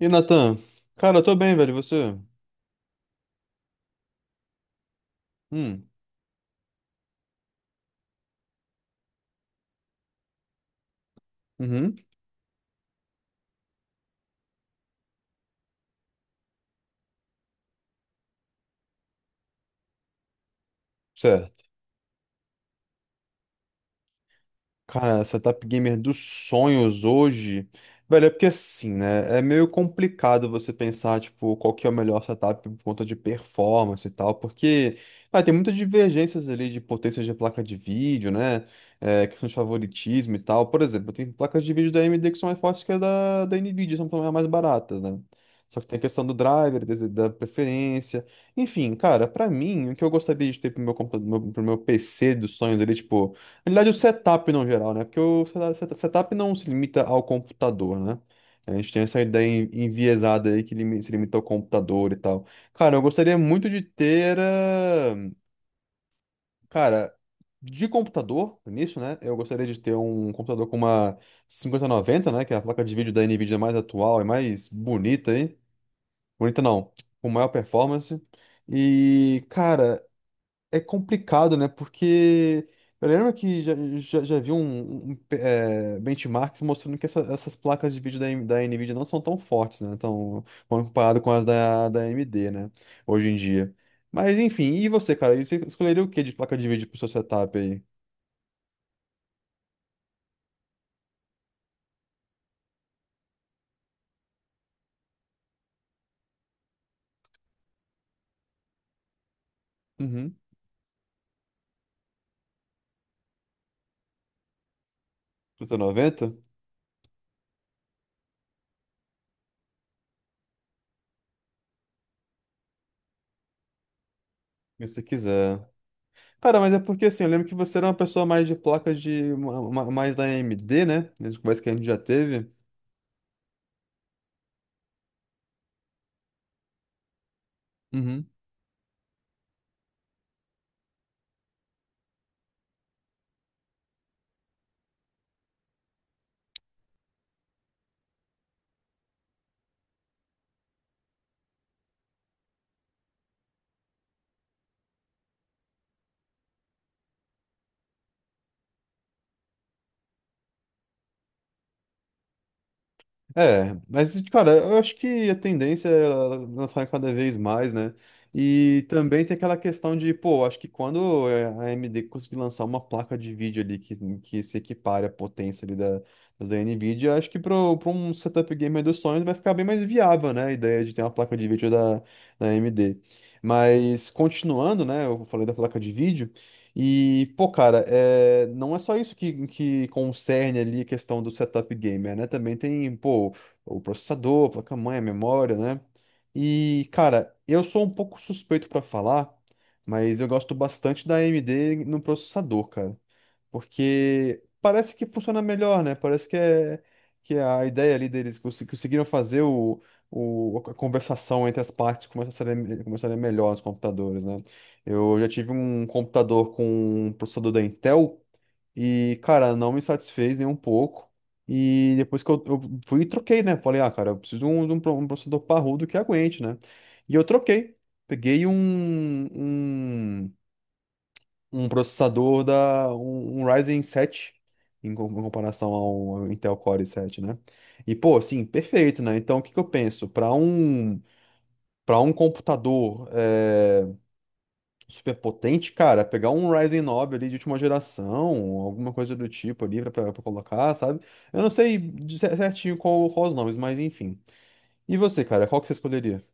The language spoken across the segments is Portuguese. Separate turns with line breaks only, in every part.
E Natan? Cara, eu tô bem, velho. E você? Hum, uhum, certo. Cara, setup gamer dos sonhos hoje. Velho, é porque assim, né? É meio complicado você pensar, tipo, qual que é o melhor setup por conta de performance e tal, porque tem muitas divergências ali de potência de placa de vídeo, né? É, questão de favoritismo e tal. Por exemplo, tem placas de vídeo da AMD que são mais fortes que as da Nvidia, são também as mais baratas, né? Só que tem a questão do driver, da preferência. Enfim, cara, pra mim, o que eu gostaria de ter pro meu PC dos sonhos ali, tipo. Na verdade, o setup no geral, né? Porque o setup não se limita ao computador, né? A gente tem essa ideia enviesada aí que se limita ao computador e tal. Cara, eu gostaria muito de ter. Cara, de computador, nisso, né? Eu gostaria de ter um computador com uma 5090, né? Que é a placa de vídeo da NVIDIA mais atual e mais bonita aí. Bonita não, com maior performance. E, cara, é complicado, né? Porque eu lembro que já vi benchmarks mostrando que essas placas de vídeo da NVIDIA não são tão fortes, né? Então, quando comparado com as da AMD, né? Hoje em dia. Mas enfim, e você, cara? E você escolheria o que de placa de vídeo pro seu setup aí? Uhum. 3090. Se você quiser. Cara, mas é porque assim, eu lembro que você era uma pessoa mais de placas de mais da AMD, né? Nas conversas que a gente já teve. É, mas, cara, eu acho que a tendência é ela falar cada vez mais, né? E também tem aquela questão de, pô, acho que quando é, a AMD conseguir lançar uma placa de vídeo ali que se equipare à potência ali da NVIDIA, acho que para um setup gamer dos sonhos vai ficar bem mais viável, né? A ideia de ter uma placa de vídeo da AMD. Mas, continuando, né? Eu falei da placa de vídeo. E, pô, cara, é, não é só isso que concerne ali a questão do setup gamer, né? Também tem, pô, o processador, a placa-mãe, a memória, né? E, cara, eu sou um pouco suspeito pra falar, mas eu gosto bastante da AMD no processador, cara. Porque parece que funciona melhor, né? Parece que é a ideia ali deles conseguiram fazer a conversação entre as partes começar a ser melhor nos computadores, né? Eu já tive um computador com um processador da Intel e, cara, não me satisfez nem um pouco. E depois que eu fui e troquei, né? Falei, ah, cara, eu preciso um processador parrudo que aguente, né? E eu troquei. Peguei um processador um Ryzen 7 em comparação ao Intel Core 7, né? E pô, assim, perfeito, né? Então o que que eu penso? Para um computador é, super potente, cara, pegar um Ryzen 9 ali de última geração, alguma coisa do tipo ali para colocar, sabe? Eu não sei de certinho qual os nomes, mas enfim. E você, cara, qual que você escolheria?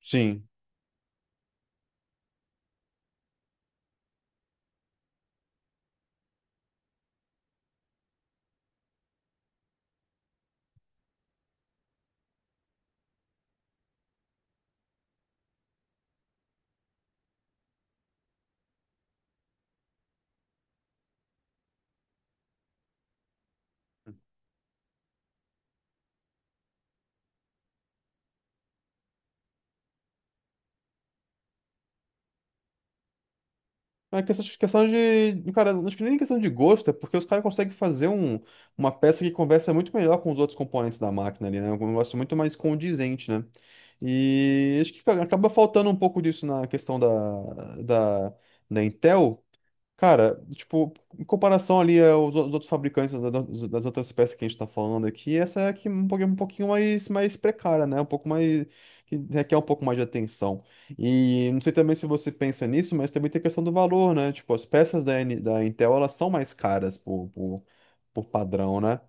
Sim. É questão de. Cara, acho que nem questão de gosto, é porque os caras conseguem fazer uma peça que conversa muito melhor com os outros componentes da máquina ali, né? É um negócio muito mais condizente, né? E acho que acaba faltando um pouco disso na questão da Intel. Cara, tipo, em comparação ali aos os outros fabricantes das outras peças que a gente tá falando aqui, essa é aqui um pouquinho mais precária, né? Um pouco mais, que requer um pouco mais de atenção. E não sei também se você pensa nisso, mas também tem a questão do valor, né? Tipo, as peças da Intel, elas são mais caras por padrão, né?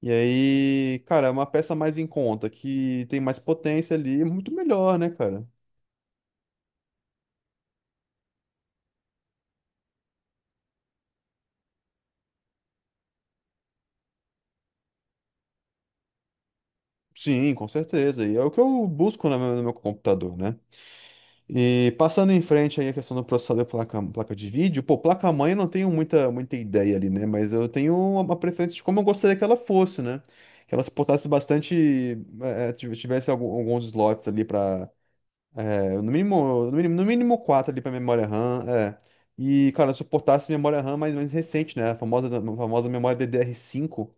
E aí, cara, é uma peça mais em conta, que tem mais potência ali, é muito melhor, né, cara? Sim, com certeza. E é o que eu busco no meu computador, né? E passando em frente aí a questão do processador placa de vídeo, pô, placa-mãe eu não tenho muita ideia ali, né? Mas eu tenho uma preferência de como eu gostaria que ela fosse, né? Que ela suportasse bastante, tivesse alguns slots ali para, no mínimo, no mínimo, no mínimo quatro ali para memória RAM, é. E, cara, suportasse memória RAM mais recente, né? A famosa memória DDR5.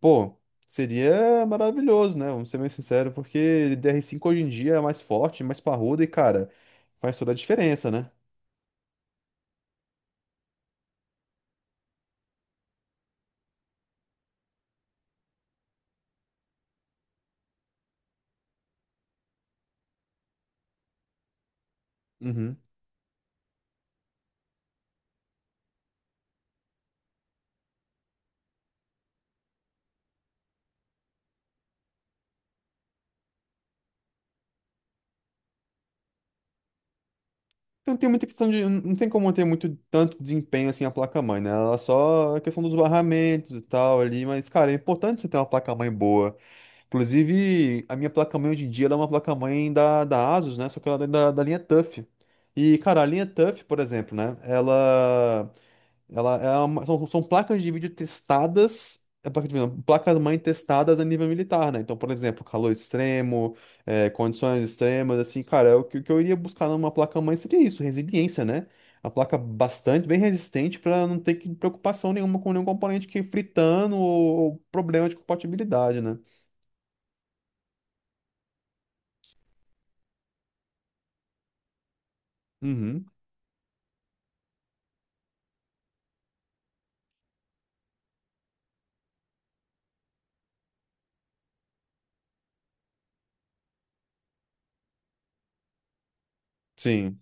Pô, seria maravilhoso, né? Vamos ser bem sinceros, porque DR5 hoje em dia é mais forte, mais parrudo e, cara, faz toda a diferença, né? Uhum. Não tem muita questão de. Não tem como ter muito tanto desempenho assim a placa-mãe, né? Ela é só a questão dos barramentos e tal ali, mas, cara, é importante você ter uma placa-mãe boa. Inclusive, a minha placa-mãe hoje em dia ela é uma placa-mãe da Asus, né? Só que ela é da linha TUF. E, cara, a linha TUF, por exemplo, né? Ela. Ela é são placas de vídeo testadas, é, placa de vídeo, não, placas-mãe testadas a nível militar, né? Então, por exemplo, calor extremo, é, condições extremas, assim, cara, o que eu iria buscar numa placa-mãe seria isso, resiliência, né? A placa bastante, bem resistente, para não ter que, preocupação nenhuma com nenhum componente que fritando ou problema de compatibilidade, né? Uhum, sim.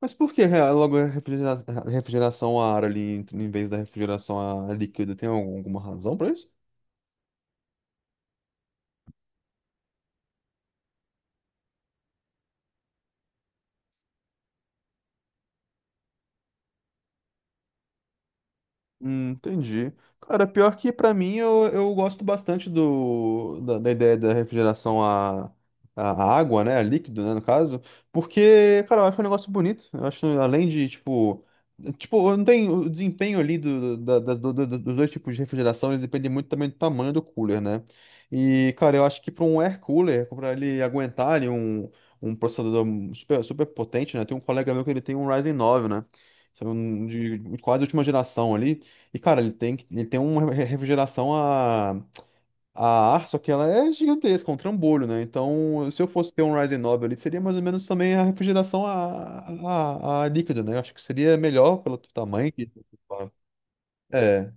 Mas por que logo a refrigeração a ar ali em vez da refrigeração a líquido? Tem alguma razão para isso? Entendi. Cara, pior que pra mim eu gosto bastante da ideia da refrigeração à água, né? A líquido, né, no caso. Porque, cara, eu acho um negócio bonito. Eu acho, além de, tipo. Tipo, não tem o desempenho ali do, da- da- do- do- do- dos dois tipos de refrigeração, eles dependem muito também do tamanho do cooler, né? E, cara, eu acho que para um air cooler, para ele aguentar ali um processador super, super potente, né? Tem um colega meu que ele tem um Ryzen 9, né? São de quase última geração ali. E, cara, ele tem uma refrigeração a ar, só que ela é gigantesca, é um trambolho, né? Então, se eu fosse ter um Ryzen 9 ali, seria mais ou menos também a refrigeração a líquido, né? Eu acho que seria melhor pelo tamanho. Tá. É,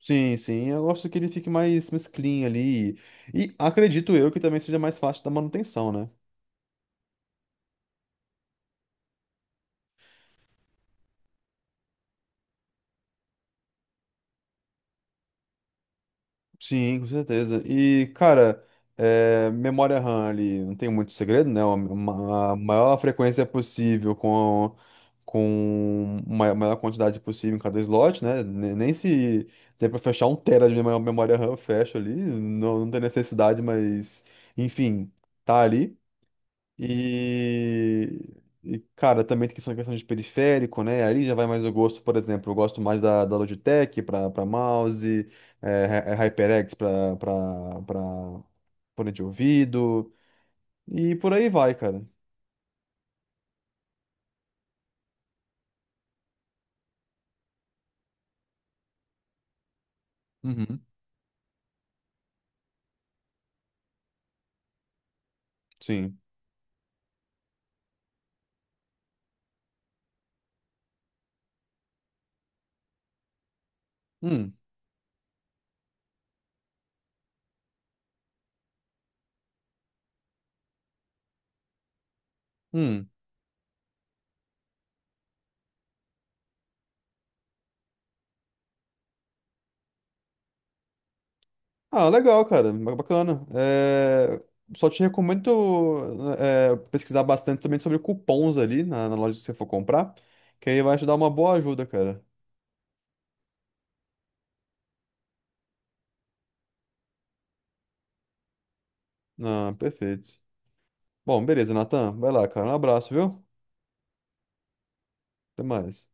sim, sim. Eu gosto que ele fique mais clean ali. E acredito eu que também seja mais fácil da manutenção, né? Sim, com certeza. E, cara, é, memória RAM ali, não tem muito segredo, né? A maior frequência possível com uma maior quantidade possível em cada slot, né? Nem se der pra fechar um tera de memória RAM, eu fecho ali. Não, não tem necessidade, mas, enfim, tá ali. E, cara, também tem questão de periférico, né? Aí já vai mais o gosto, por exemplo, eu gosto mais da Logitech para mouse, é HyperX para fone de ouvido, e por aí vai, cara. Uhum, sim. Hum, hum. Ah, legal, cara, bacana. É, só te recomendo é, pesquisar bastante também sobre cupons ali na loja que você for comprar, que aí vai te dar uma boa ajuda, cara. Ah, perfeito. Bom, beleza, Natan. Vai lá, cara. Um abraço, viu? Até mais.